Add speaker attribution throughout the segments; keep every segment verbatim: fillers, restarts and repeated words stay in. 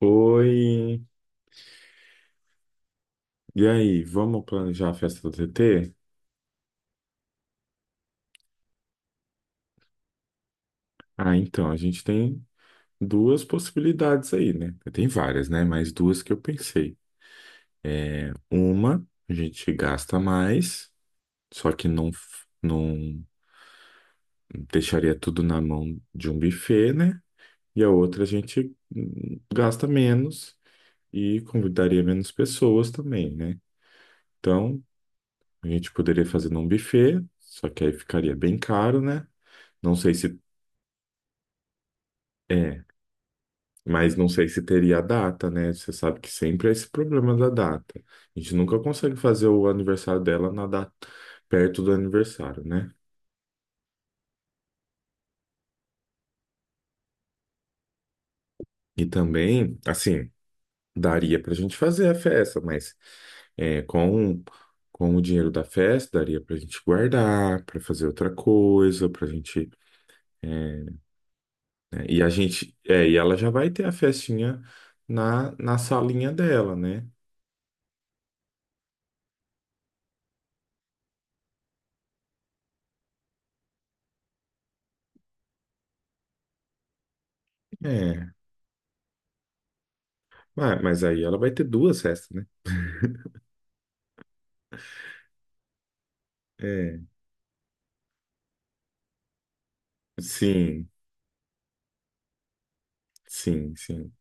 Speaker 1: Oi, e aí, vamos planejar a festa do T T? Ah, então, a gente tem duas possibilidades aí, né? Tem várias, né? Mas duas que eu pensei. Uma, a gente gasta mais, só que não, f- não deixaria tudo na mão de um buffet, né? E a outra, a gente hum, gasta menos e convidaria menos pessoas também, né? Então, a gente poderia fazer num buffet, só que aí ficaria bem caro, né? Não sei se. É, mas não sei se teria a data, né? Você sabe que sempre é esse problema da data. A gente nunca consegue fazer o aniversário dela na data perto do aniversário, né? E também, assim, daria pra gente fazer a festa, mas é, com, com o dinheiro da festa, daria pra gente guardar, pra fazer outra coisa, pra gente. É, né? E a gente. É, e ela já vai ter a festinha na, na salinha dela, né? É. Mas mas aí ela vai ter duas festas, né? É. Sim, sim, sim,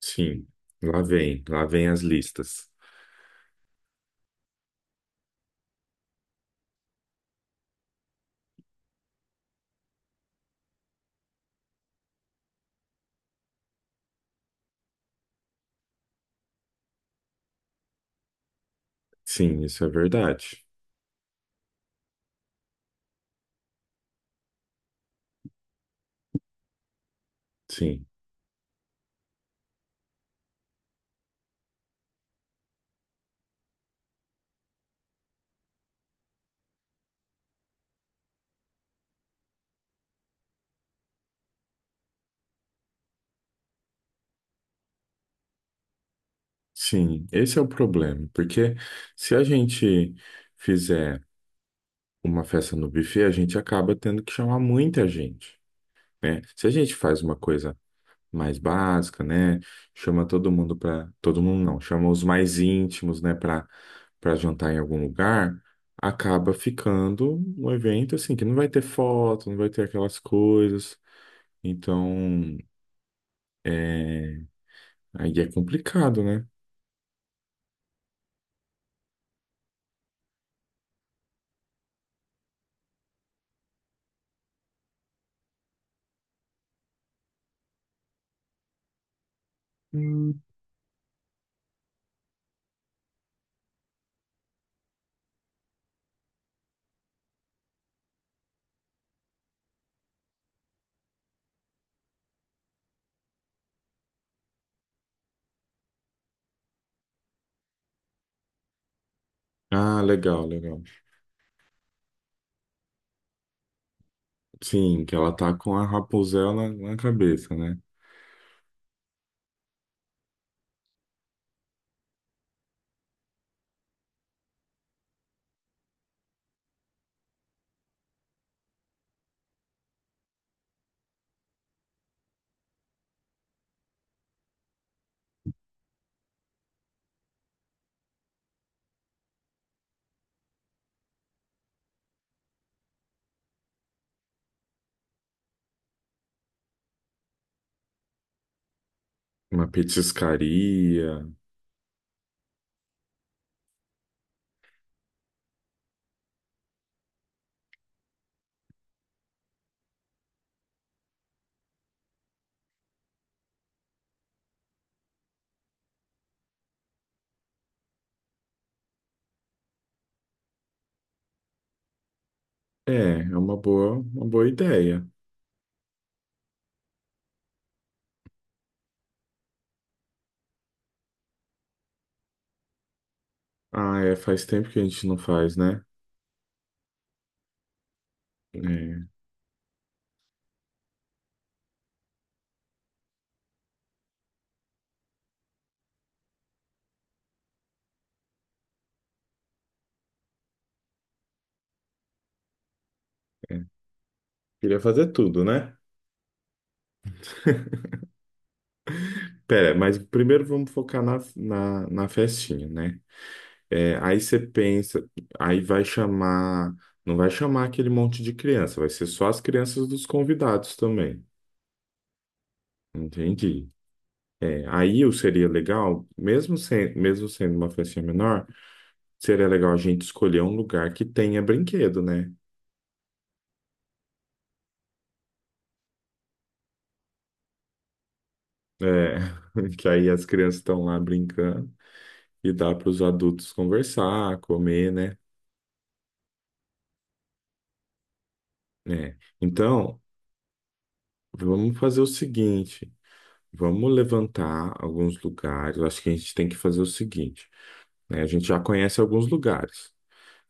Speaker 1: sim. Lá vem, lá vem as listas. Sim, isso é verdade. Sim, sim. Esse é o problema, porque se a gente fizer uma festa no buffet, a gente acaba tendo que chamar muita gente, né? Se a gente faz uma coisa mais básica, né? Chama todo mundo para todo mundo não, chama os mais íntimos, né, para para jantar em algum lugar, acaba ficando um evento assim que não vai ter foto, não vai ter aquelas coisas. Então, é, aí é complicado, né? Ah, legal, legal. Sim, que ela tá com a Rapunzel na, na cabeça, né? Uma petiscaria. É, é uma boa, uma boa ideia. Ah, é, faz tempo que a gente não faz, né? É, queria fazer tudo, né? Pera, mas primeiro vamos focar na, na, na festinha, né? É, aí você pensa, aí vai chamar, não vai chamar aquele monte de criança, vai ser só as crianças dos convidados também. Entendi. É, aí o seria legal, mesmo sem, mesmo sendo uma festinha menor, seria legal a gente escolher um lugar que tenha brinquedo, né? É, que aí as crianças estão lá brincando e dá para os adultos conversar, comer, né? É. Então, vamos fazer o seguinte, vamos levantar alguns lugares. Eu acho que a gente tem que fazer o seguinte, né? A gente já conhece alguns lugares.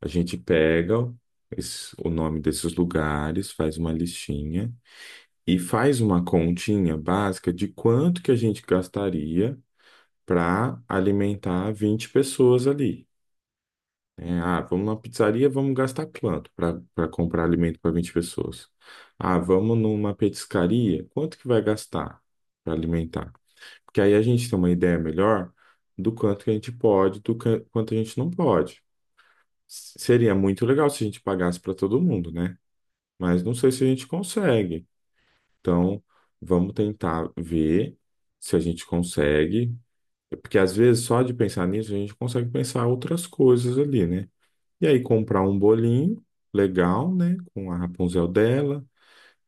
Speaker 1: A gente pega esse- o nome desses lugares, faz uma listinha e faz uma continha básica de quanto que a gente gastaria para alimentar vinte pessoas ali. Né? Ah, vamos na pizzaria, vamos gastar quanto para para comprar alimento para vinte pessoas? Ah, vamos numa petiscaria, quanto que vai gastar para alimentar? Porque aí a gente tem uma ideia melhor do quanto que a gente pode, do can- quanto a gente não pode. S- Seria muito legal se a gente pagasse para todo mundo, né? Mas não sei se a gente consegue. Então, vamos tentar ver se a gente consegue. Porque às vezes, só de pensar nisso, a gente consegue pensar outras coisas ali, né? E aí, comprar um bolinho legal, né? Com a Rapunzel dela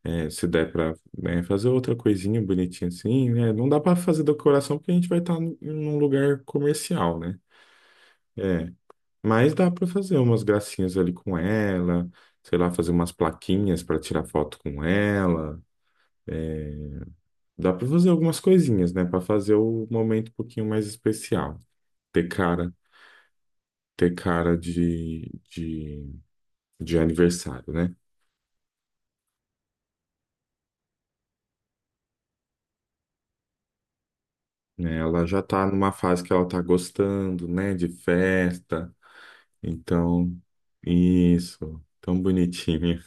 Speaker 1: é, se der pra, né, fazer outra coisinha bonitinha assim, né? Não dá pra fazer decoração porque a gente vai estar num lugar comercial, né? É, mas dá pra fazer umas gracinhas ali com ela, sei lá, fazer umas plaquinhas pra tirar foto com ela. Dá pra fazer algumas coisinhas, né, pra fazer o momento um pouquinho mais especial. Ter cara, ter cara de, de, de aniversário, né? Né, ela já tá numa fase que ela tá gostando, né, de festa. Então, isso. Tão bonitinho.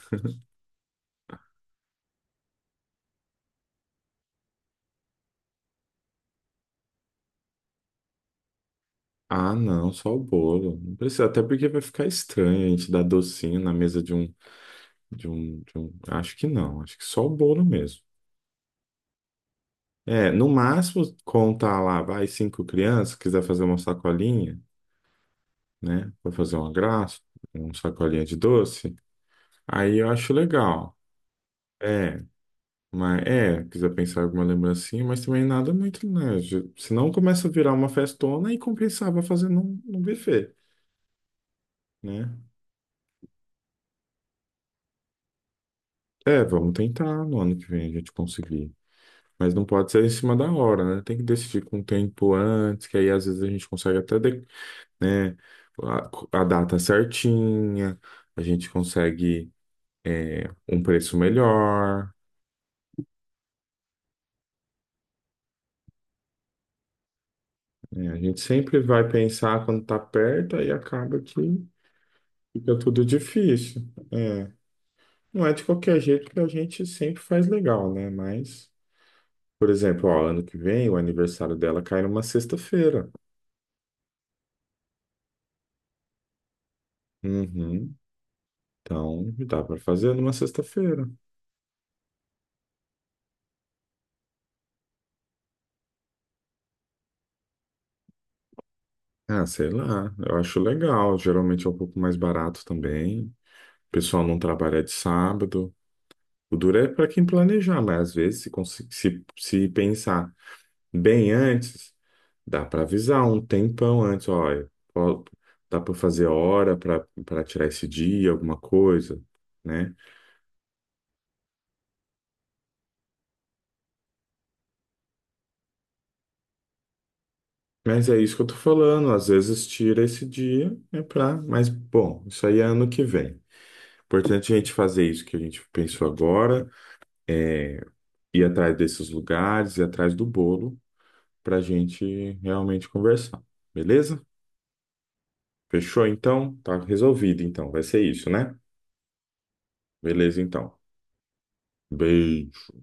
Speaker 1: Ah, não, só o bolo. Não precisa, até porque vai ficar estranho a gente dar docinho na mesa de um, de um, de um... Acho que não, acho que só o bolo mesmo. É, no máximo, contar lá, vai cinco crianças, quiser fazer uma sacolinha, né? Pra fazer uma graça, uma sacolinha de doce. Aí eu acho legal. É, mas é, quiser pensar em alguma lembrancinha, mas também nada muito, né? Já- Senão começa a virar uma festona e compensava fazer num, num buffet, né? É, vamos tentar no ano que vem a gente conseguir. Mas não pode ser em cima da hora, né? Tem que decidir com o tempo antes, que aí às vezes a gente consegue até de- a, a data certinha, a gente consegue é, um preço melhor, né? A gente sempre vai pensar quando tá perto, aí acaba que fica tudo difícil. É, não é de qualquer jeito que a gente sempre faz legal, né? Mas, por exemplo, ó, ano que vem o aniversário dela cai numa sexta-feira. Uhum. Então, dá para fazer numa sexta-feira. Ah, sei lá. Eu acho legal. Geralmente é um pouco mais barato também. O pessoal não trabalha de sábado. O duro é para quem planejar, mas às vezes, se, consi- se, se pensar bem antes, dá para avisar um tempão antes, olha, ó, dá para fazer hora para para tirar esse dia, alguma coisa, né? Mas é isso que eu tô falando, às vezes tira esse dia, é pra, mas bom, isso aí é ano que vem. Importante a gente fazer isso que a gente pensou agora, é ir atrás desses lugares, ir atrás do bolo, para a gente realmente conversar, beleza? Fechou então? Tá resolvido então, vai ser isso, né? Beleza então. Beijo.